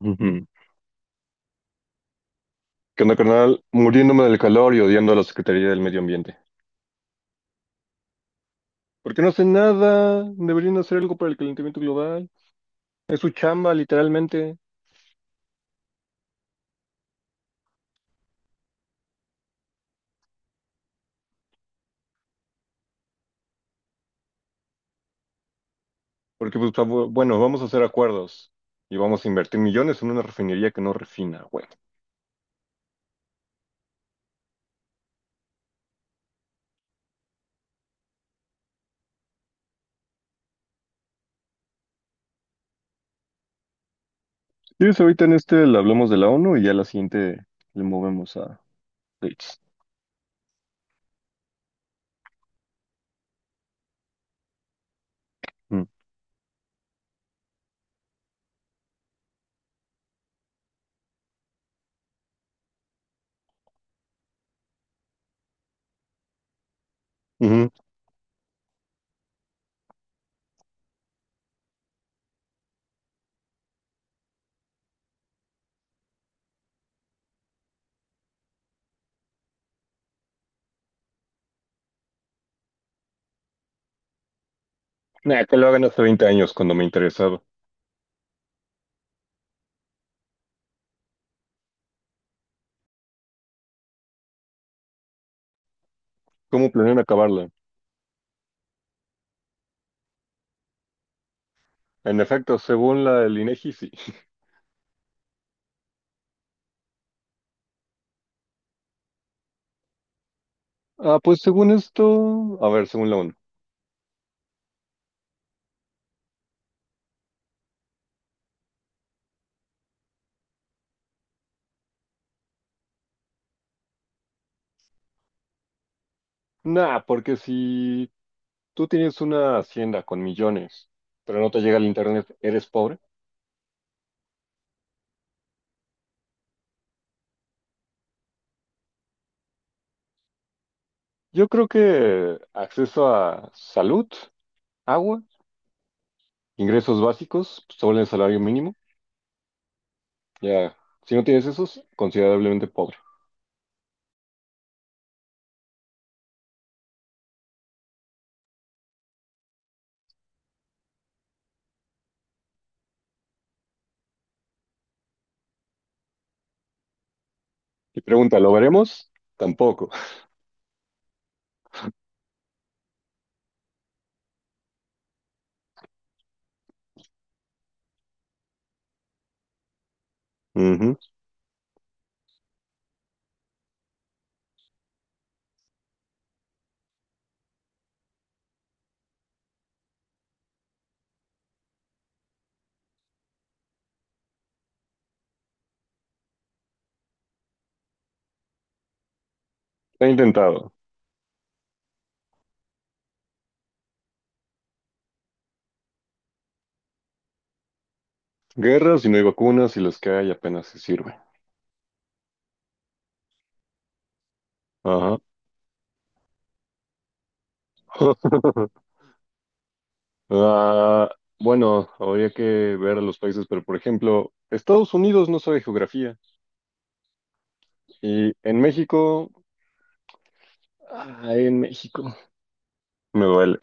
Ujú. ¿Qué onda, carnal? Muriéndome del calor y odiando a la Secretaría del Medio Ambiente. ¿Por qué no hacen nada? Deberían hacer algo para el calentamiento global. Es su chamba, literalmente. Porque, pues, bueno, vamos a hacer acuerdos y vamos a invertir millones en una refinería que no refina, güey. ¿Quieres ahorita en este le hablamos de la ONU y ya la siguiente le movemos a Gates? Mm. Ujú. Nah, que lo hagan hace 20 años cuando me interesaba. ¿Cómo planean acabarla? En efecto, según la del INEGI, sí. Ah, pues según esto, a ver, según la ONU. Nah, porque si tú tienes una hacienda con millones, pero no te llega el internet, eres pobre. Yo creo que acceso a salud, agua, ingresos básicos sobre el salario mínimo, ya, si no tienes esos, considerablemente pobre. Y pregunta, ¿lo veremos? Tampoco. Ujú. He intentado. Guerras y no hay vacunas y las que hay apenas se sirven. Ajá. Ah, bueno, habría que ver a los países, pero por ejemplo, Estados Unidos no sabe geografía. Y en México, ay, en México, me duele.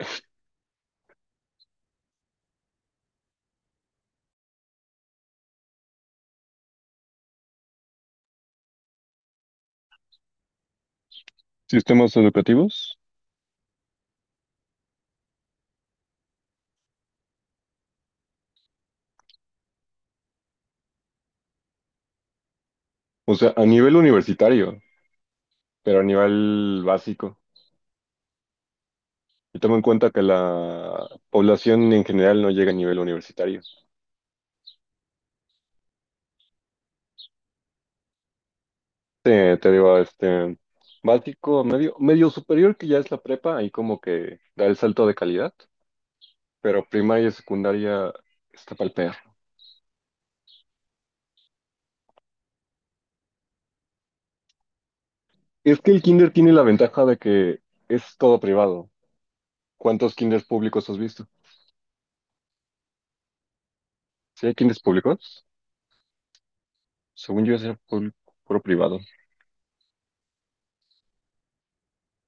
Sistemas educativos, o sea, a nivel universitario, pero a nivel básico. Y toma en cuenta que la población en general no llega a nivel universitario. Te digo, este, básico, medio, medio superior, que ya es la prepa, ahí como que da el salto de calidad, pero primaria y secundaria está pa'l perro. Es que el kinder tiene la ventaja de que es todo privado. ¿Cuántos kinders públicos has visto? ¿Sí hay kinders públicos? Según yo, era puro privado.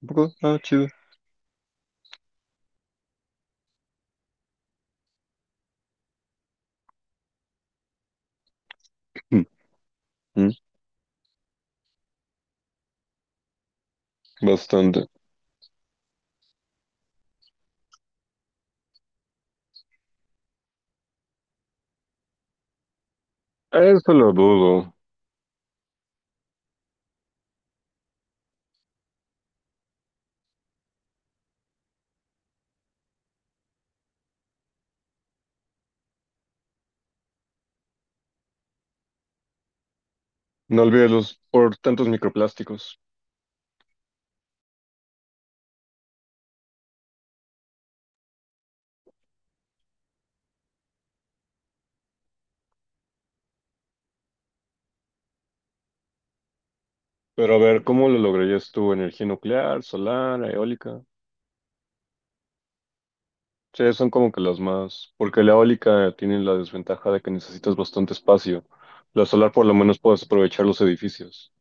Un poco, ah, chido. Mm, mm, bastante. Eso lo dudo. No olvides los por tantos microplásticos. Pero a ver, ¿cómo lo lograrías tú? ¿Energía nuclear, solar, eólica? Sí, son como que las más. Porque la eólica tiene la desventaja de que necesitas bastante espacio. La solar por lo menos puedes aprovechar los edificios.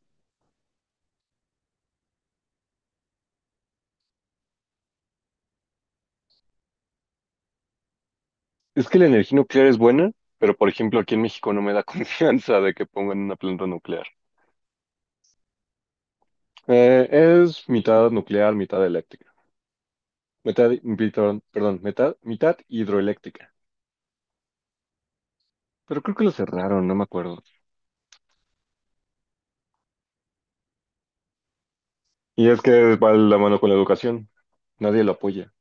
Es que la energía nuclear es buena, pero por ejemplo aquí en México no me da confianza de que pongan una planta nuclear. Es mitad nuclear, mitad eléctrica. Metad, pitón, perdón, metad- mitad hidroeléctrica. Pero creo que lo cerraron, no me acuerdo. Y es que va la mano con la educación. Nadie lo apoya.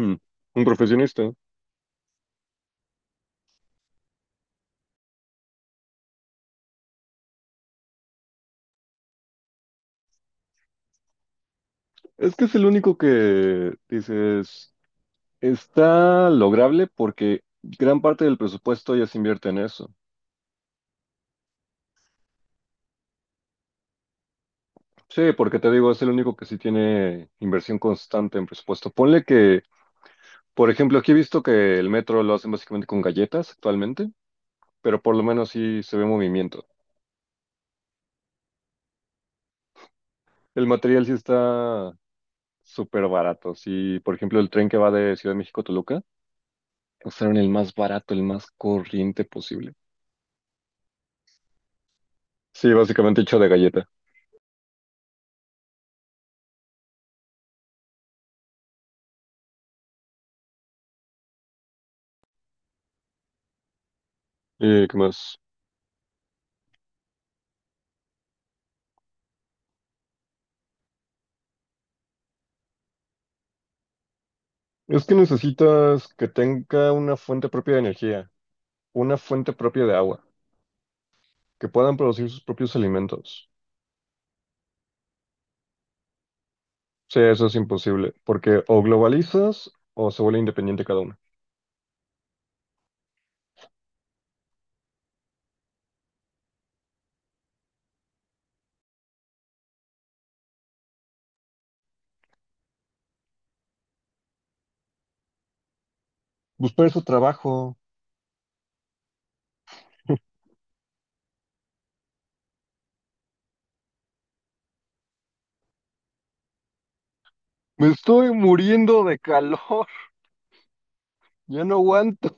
Hmm. Un profesionista. Es que es el único que dices, está lograble porque gran parte del presupuesto ya se invierte en eso. Sí, porque te digo, es el único que sí tiene inversión constante en presupuesto. Ponle que, por ejemplo, aquí he visto que el metro lo hacen básicamente con galletas actualmente, pero por lo menos sí se ve movimiento. El material sí está súper baratos. Y, por ejemplo, el tren que va de Ciudad de México a Toluca, usaron el más barato, el más corriente posible. Sí, básicamente hecho de galleta. ¿Y qué más? Es que necesitas que tenga una fuente propia de energía, una fuente propia de agua, que puedan producir sus propios alimentos. Sí, eso es imposible, porque o globalizas o se vuelve independiente cada uno. Buscar su trabajo. Me estoy muriendo de calor, ya no aguanto.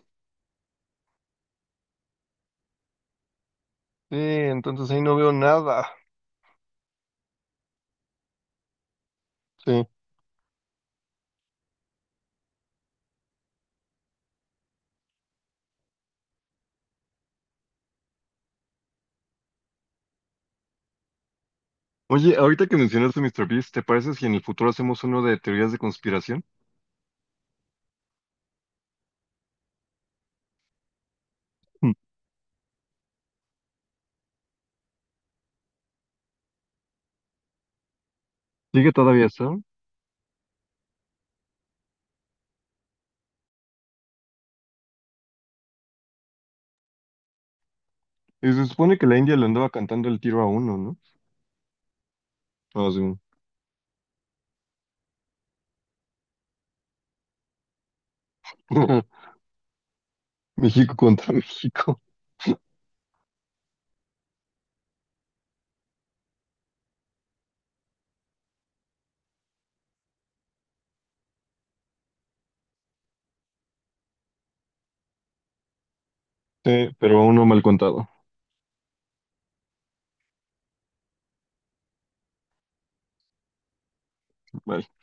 Sí, entonces ahí no veo nada. Sí. Oye, ahorita que mencionas a mister Beast, ¿te parece si en el futuro hacemos uno de teorías de conspiración? Hmm. Sigue todavía eso. Y se supone que la India le andaba cantando el tiro a uno, ¿no? Ah, sí. México contra México. Sí, pero a uno mal contado. Vale.